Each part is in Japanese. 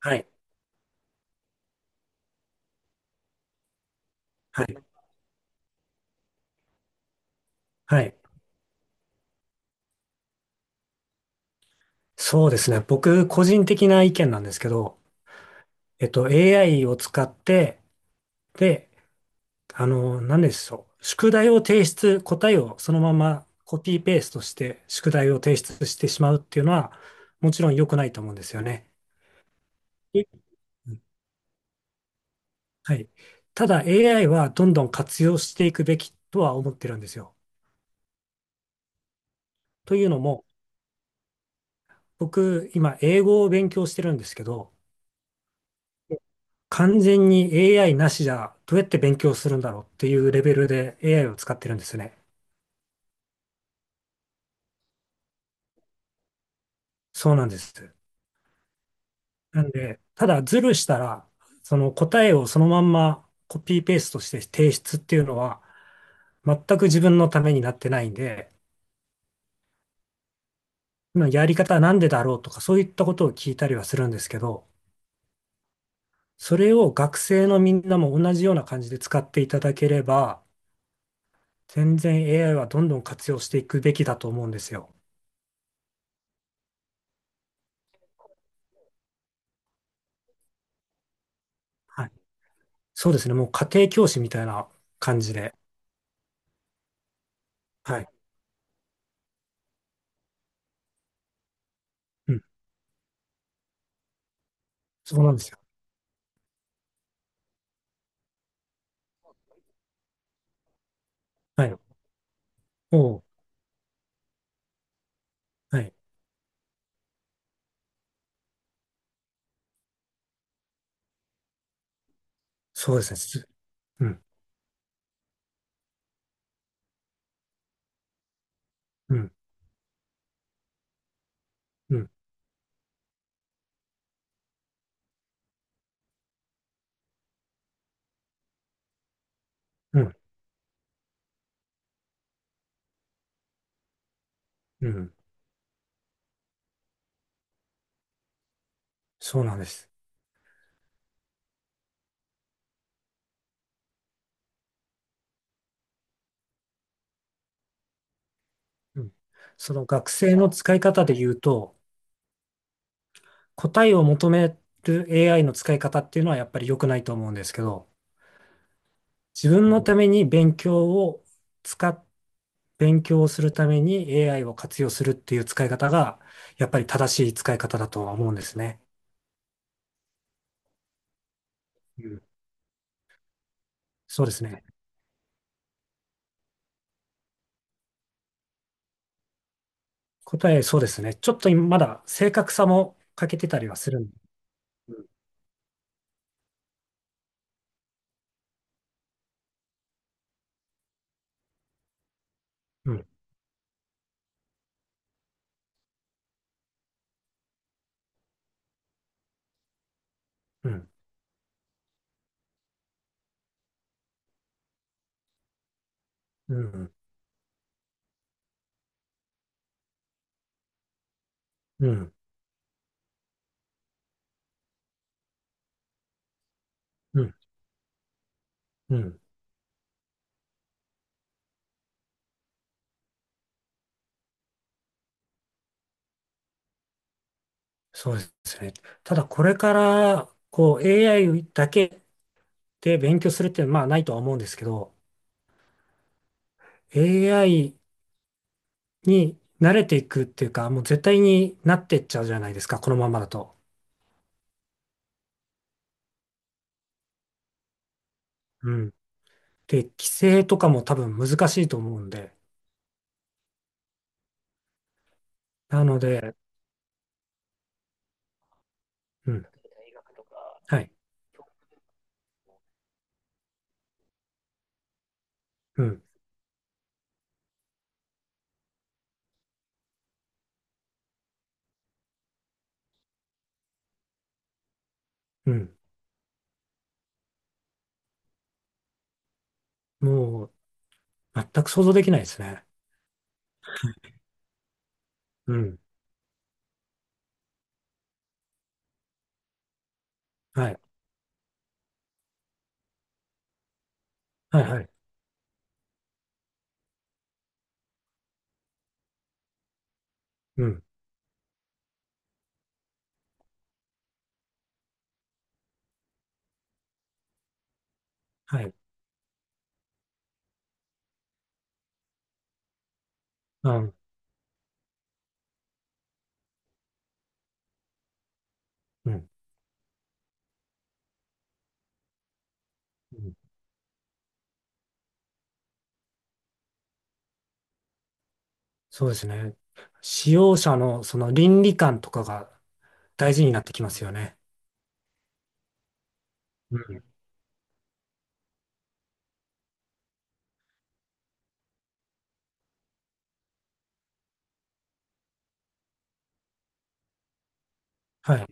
はい。はい。はい。そうですね。僕、個人的な意見なんですけど、AI を使って、で、何でしょう。宿題を提出、答えをそのままコピーペーストして、宿題を提出してしまうっていうのは、もちろん良くないと思うんですよね。えはい。ただ、AI はどんどん活用していくべきとは思ってるんですよ。というのも、僕、今、英語を勉強してるんですけど、完全に AI なしじゃどうやって勉強するんだろうっていうレベルで AI を使ってるんですよね。そうなんです。なんで、ただズルしたら、その答えをそのまんまコピーペーストして提出っていうのは、全く自分のためになってないんで、まあやり方はなんでだろうとかそういったことを聞いたりはするんですけど、それを学生のみんなも同じような感じで使っていただければ、全然 AI はどんどん活用していくべきだと思うんですよ。はい。そうですね。もう家庭教師みたいな感じで。はい。うん。そうなんですよ。はい。おう。はい。そうですね。うん。うん。うん。うん。うん。そうなんです。うん。その学生の使い方で言うと、答えを求める AI の使い方っていうのはやっぱり良くないと思うんですけど、自分のために使っ、勉強をするために AI を活用するっていう使い方が、やっぱり正しい使い方だとは思うんですね。うん。そうですね。そうですね。ちょっと今まだ正確さも欠けてたりはするんで。うん、うん、うん、うん、うん、うん。そうですね。ただこれから、こう AI だけで勉強するっていうのはまあないとは思うんですけど、AI に慣れていくっていうか、もう絶対になってっちゃうじゃないですか、このままだと。うん。で、規制とかも多分難しいと思うんで。なので、うん。はい。うん。うん。もう、全く想像できないですね。うん。はい。はいはい。うん。はい。うん。うん。うん。そうですね。使用者のその倫理観とかが大事になってきますよね。うん。はい。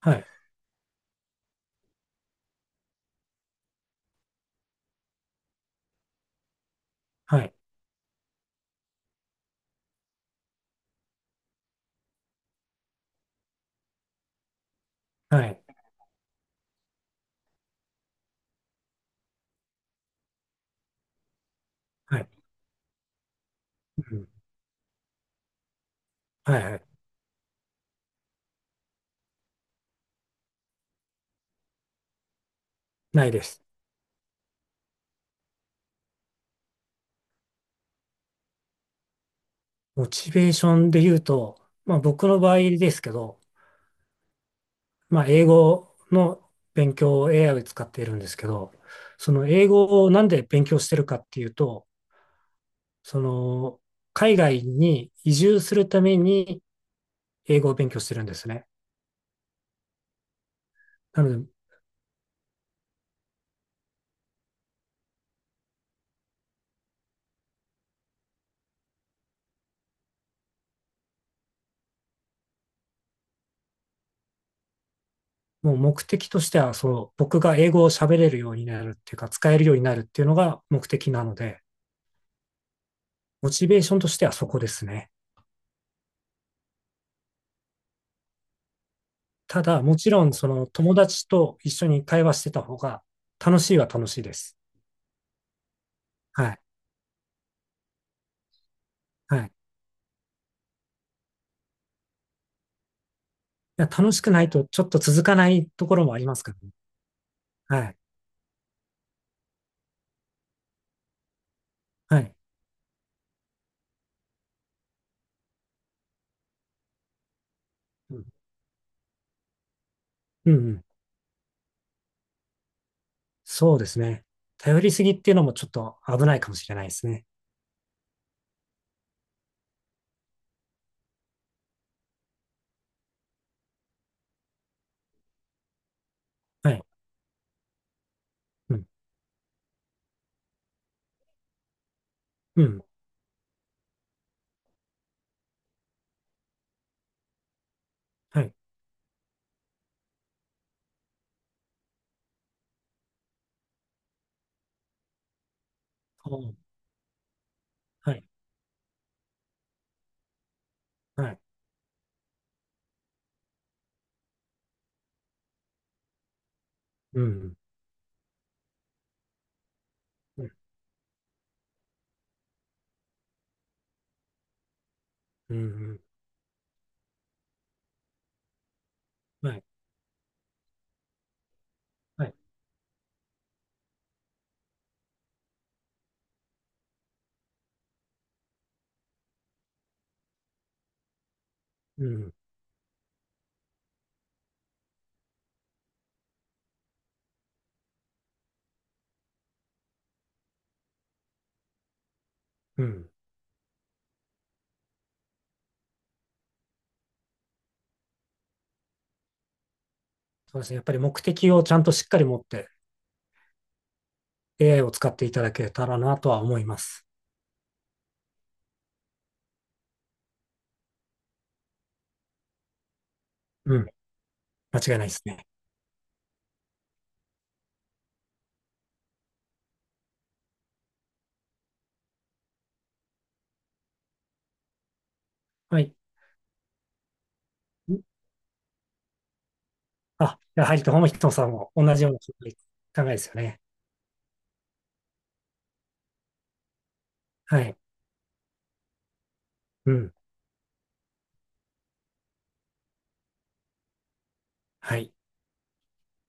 はい。はい。はい。はい。うん。はいはい。ないです。モチベーションで言うと、まあ僕の場合ですけど、まあ英語の勉強を AI を使っているんですけど、その英語をなんで勉強してるかっていうと、その海外に移住するために英語を勉強してるんですね。なので、もう目的としては、その僕が英語を喋れるようになるっていうか、使えるようになるっていうのが目的なので、モチベーションとしてはそこですね。ただ、もちろん、その友達と一緒に会話してた方が楽しいは楽しいです。はい。はい。いや、楽しくないとちょっと続かないところもありますからね。はい。はい。うん。うんうん。そうですね。頼りすぎっていうのもちょっと危ないかもしれないですね。はい。うん。うん。はい。おー。はい。はい。うん。うん。うん。うん。はい。はい。うん。うん。そうですね。やっぱり目的をちゃんとしっかり持って AI を使っていただけたらなとは思います。うん。間違いないですね。はい。んあ、やはり、ともひとさんも同じような考えですよね。はい。うん。はい。